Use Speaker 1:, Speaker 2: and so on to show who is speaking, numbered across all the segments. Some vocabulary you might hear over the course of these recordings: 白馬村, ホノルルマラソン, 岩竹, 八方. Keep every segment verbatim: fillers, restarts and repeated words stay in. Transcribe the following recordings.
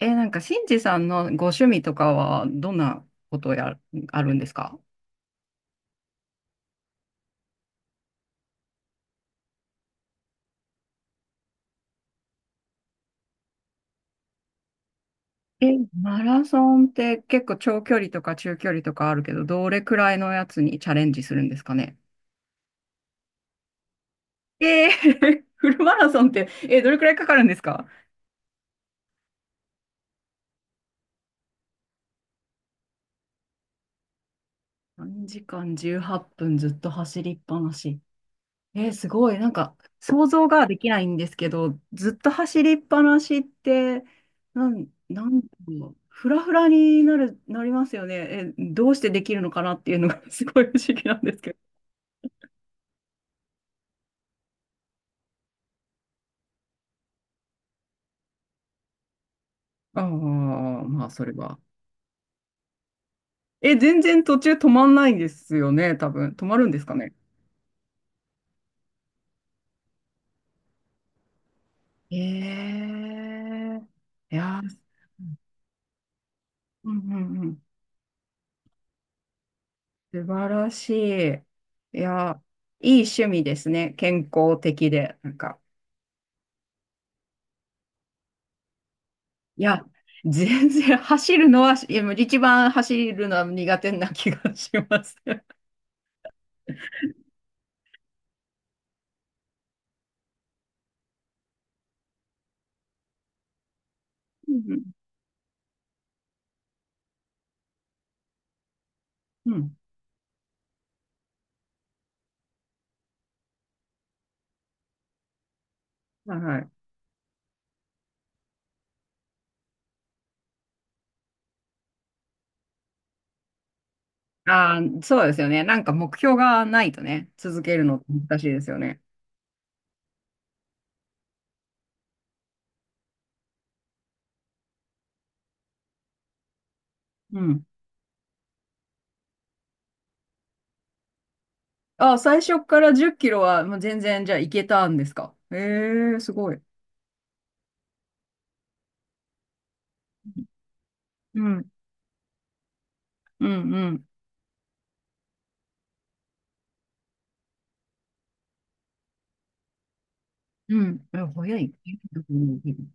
Speaker 1: えー、なんか、しんじさんのご趣味とかは、どんなことをやる、あるんですか？え、マラソンって結構長距離とか中距離とかあるけど、どれくらいのやつにチャレンジするんですかね？えー フルマラソンって、えーどれくらいかかるんですか ?さん 時間じゅうはっぷんずっと走りっぱなし。えーすごい。なんか、想像ができないんですけど、ずっと走りっぱなしって、なん、なんだろう、フラフラになる、なりますよね。え、どうしてできるのかなっていうのが すごい不思議なんですけど。ああ、まあ、それは。え、全然途中止まんないんですよね、多分。止まるんですかね？ええ、いやー、うんうんうん。素晴らしい。いや、いい趣味ですね。健康的で。なんか。いや、全然走るのは、いや、もう一番走るのは苦手な気がします。うん。うん、はいはい。ああ、そうですよね。なんか目標がないとね、続けるのって難しいですよね。うん。あ、最初からじゅっきろはもう全然じゃあいけたんですか？ええー、すごい。うん、うん、うん、うん。うん、早い。うん、うん。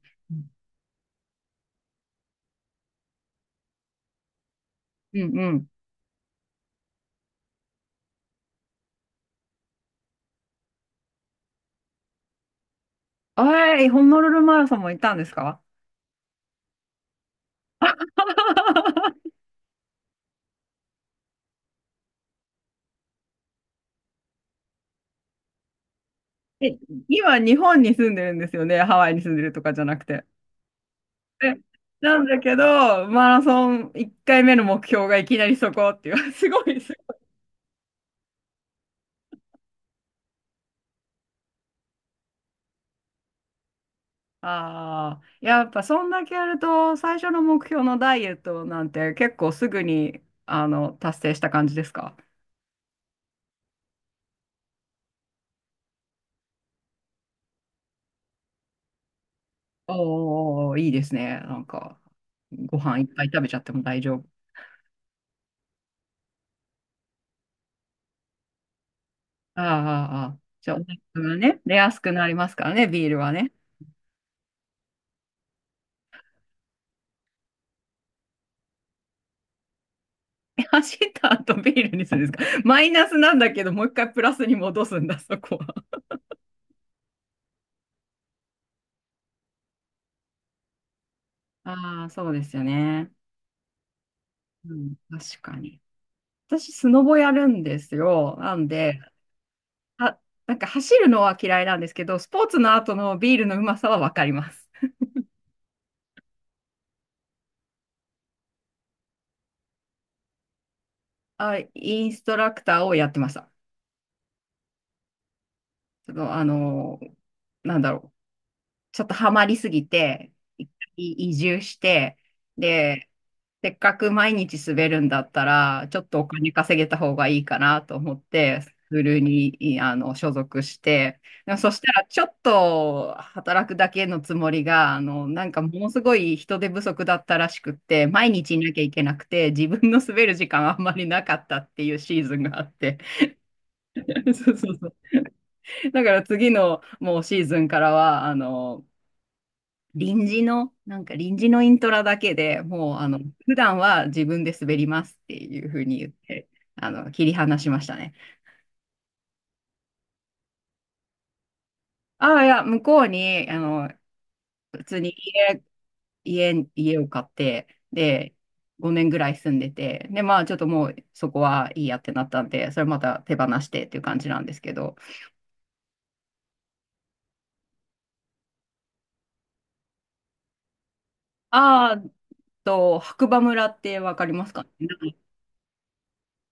Speaker 1: うん。あい、ホノルルマラソンも行ったんですか？ え、今、日本に住んでるんですよね。ハワイに住んでるとかじゃなくて。え、なんだけど、マラソンいっかいめの目標がいきなりそこっていう、すごいすごい。ああ、やっぱそんだけやると、最初の目標のダイエットなんて結構すぐに、あの、達成した感じですか？おおー、いいですね。なんか、ご飯いっぱい食べちゃっても大丈夫。あーあー、あーじゃあ、お腹がね、出やすくなりますからね、ビールはね。え、走った後ビールにするんですか？ マイナスなんだけど、もう一回プラスに戻すんだ、そこは。ああ、そうですよね。うん、確かに。私、スノボやるんですよ。なんで、あ、なんか走るのは嫌いなんですけど、スポーツの後のビールのうまさはわかります。あ、インストラクターをやってました。ちょっとあのなんだろう、ちょっとハマりすぎて、一回移住して、で、せっかく毎日滑るんだったら、ちょっとお金稼げた方がいいかなと思って、スクールに、いあの、所属して、でもそしたら、ちょっと働くだけのつもりが、あの、なんかものすごい人手不足だったらしくって、毎日いなきゃいけなくて、自分の滑る時間あんまりなかったっていうシーズンがあって、そうそうそう。だから次のもうシーズンからは、あの、臨時の、なんか臨時のイントラだけでもう、あの、普段は自分で滑りますっていうふうに言って、あの、切り離しましたね。ああ、いや、向こうに、あの、普通に家、家、家を買って、で、ごねんぐらい住んでて、で、まあ、ちょっともうそこはいいやってなったんで、それまた手放してっていう感じなんですけど、ああ、と、白馬村ってわかりますかね？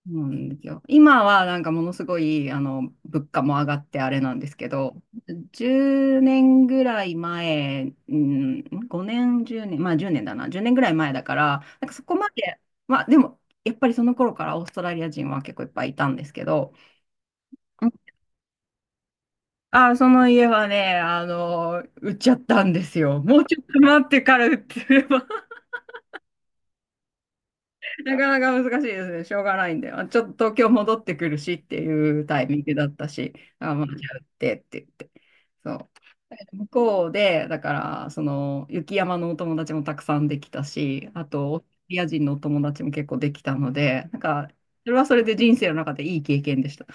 Speaker 1: そうなんですよ。今はなんかものすごい、あの、物価も上がってあれなんですけど、じゅうねんぐらい前、うん、ごねん、じゅうねん、まあじゅうねんだな、じゅうねんぐらい前だから、なんかそこまで、まあでも、やっぱりその頃からオーストラリア人は結構いっぱいいたんですけど、あ、その家はね、あの、売っちゃったんですよ。もうちょっと待ってから売ってれば。なかなか難しいですね。しょうがないんで。あ、ちょっと東京戻ってくるしっていうタイミングだったし、あ、まあ、じゃあ打ってって言って。そう。向こうで、だから、その、雪山のお友達もたくさんできたし、あと、オーストラリア人のお友達も結構できたので、なんか、それはそれで人生の中でいい経験でした。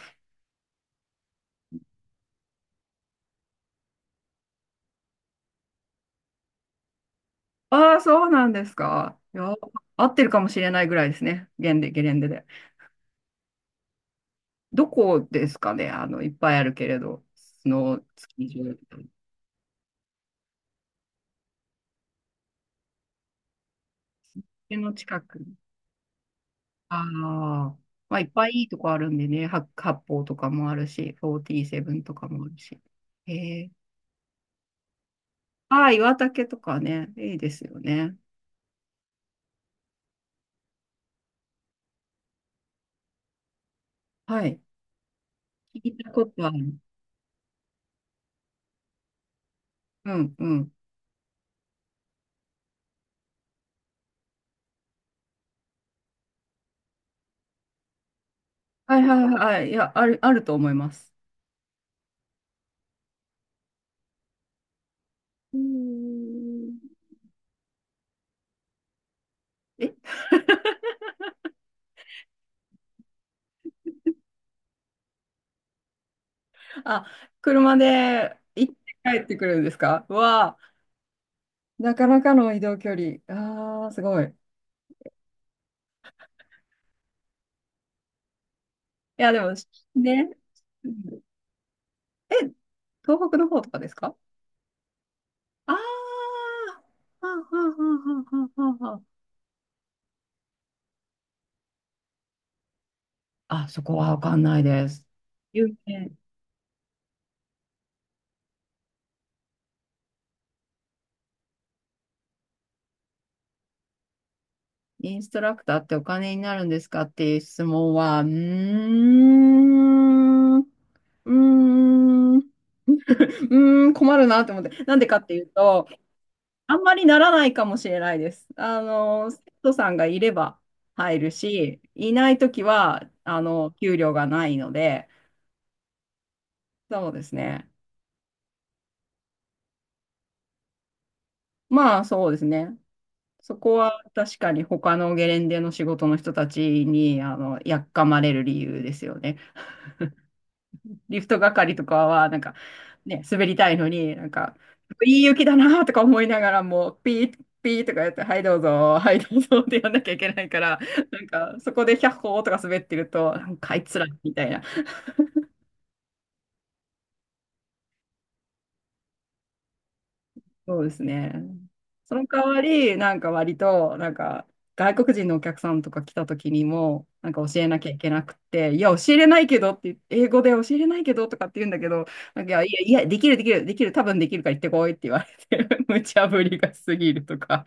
Speaker 1: ああ、そうなんですか。いや、合ってるかもしれないぐらいですね。ゲレンデ、ゲレンデで。どこですかね。あの、いっぱいあるけれど、スノースキー場。家の近く。ああ、まあ、いっぱいいいとこあるんでね、八八方とかもあるし、よんじゅうななとかもあるし。へえ。ああ、岩竹とかね、いいですよね。はい。聞いたことある。うんうん。はいはいはい。いや、ある、あると思います。うーん。え あ、車で行って帰ってくるんですか？わあ、なかなかの移動距離。ああ、すごい。いや、でも、ね。うん。え、東北の方とかですか？ああ、はんはんはんはんはんはんはん、あ、そこはわかんないです。有名。インストラクターってお金になるんですかっていう質問は、うーん、うーん、うーん、困るなって思って。なんでかっていうと、あんまりならないかもしれないです。あの、生徒さんがいれば入るし、いないときは、あの、給料がないので、そうですね。まあ、そうですね。そこは確かに他のゲレンデの仕事の人たちに、あの、やっかまれる理由ですよね。リフト係とかは、なんか、ね、滑りたいのに、なんか、いい雪だなとか思いながらも、ピー、ピーとかやって、はいどうぞ、はいどうぞってやんなきゃいけないから、なんか、そこでひゃっほーとか滑ってると、なんかあいつらみたいな、そうですね。その代わり、なんか割と、なんか外国人のお客さんとか来た時にも、なんか教えなきゃいけなくて、いや、教えれないけどって言って、英語で教えれないけどとかって言うんだけど、なんかいや、いや、できる、できる、できる、多分できるから言ってこいって言われて、無茶ぶりが過ぎるとか。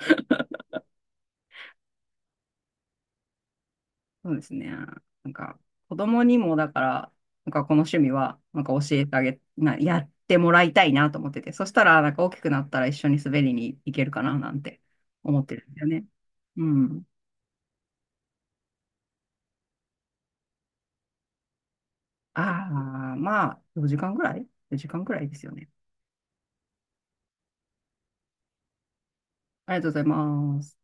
Speaker 1: そうですね。なんか、子供にもだから、なんかこの趣味は、なんか教えてあげ、な、やってもらいたいなと思ってて、そしたら、なんか大きくなったら一緒に滑りに行けるかななんて思ってるんだよね。うん。ああ、まあ、よじかんぐらい ?よ 時間ぐらいですよね。ありがとうございます。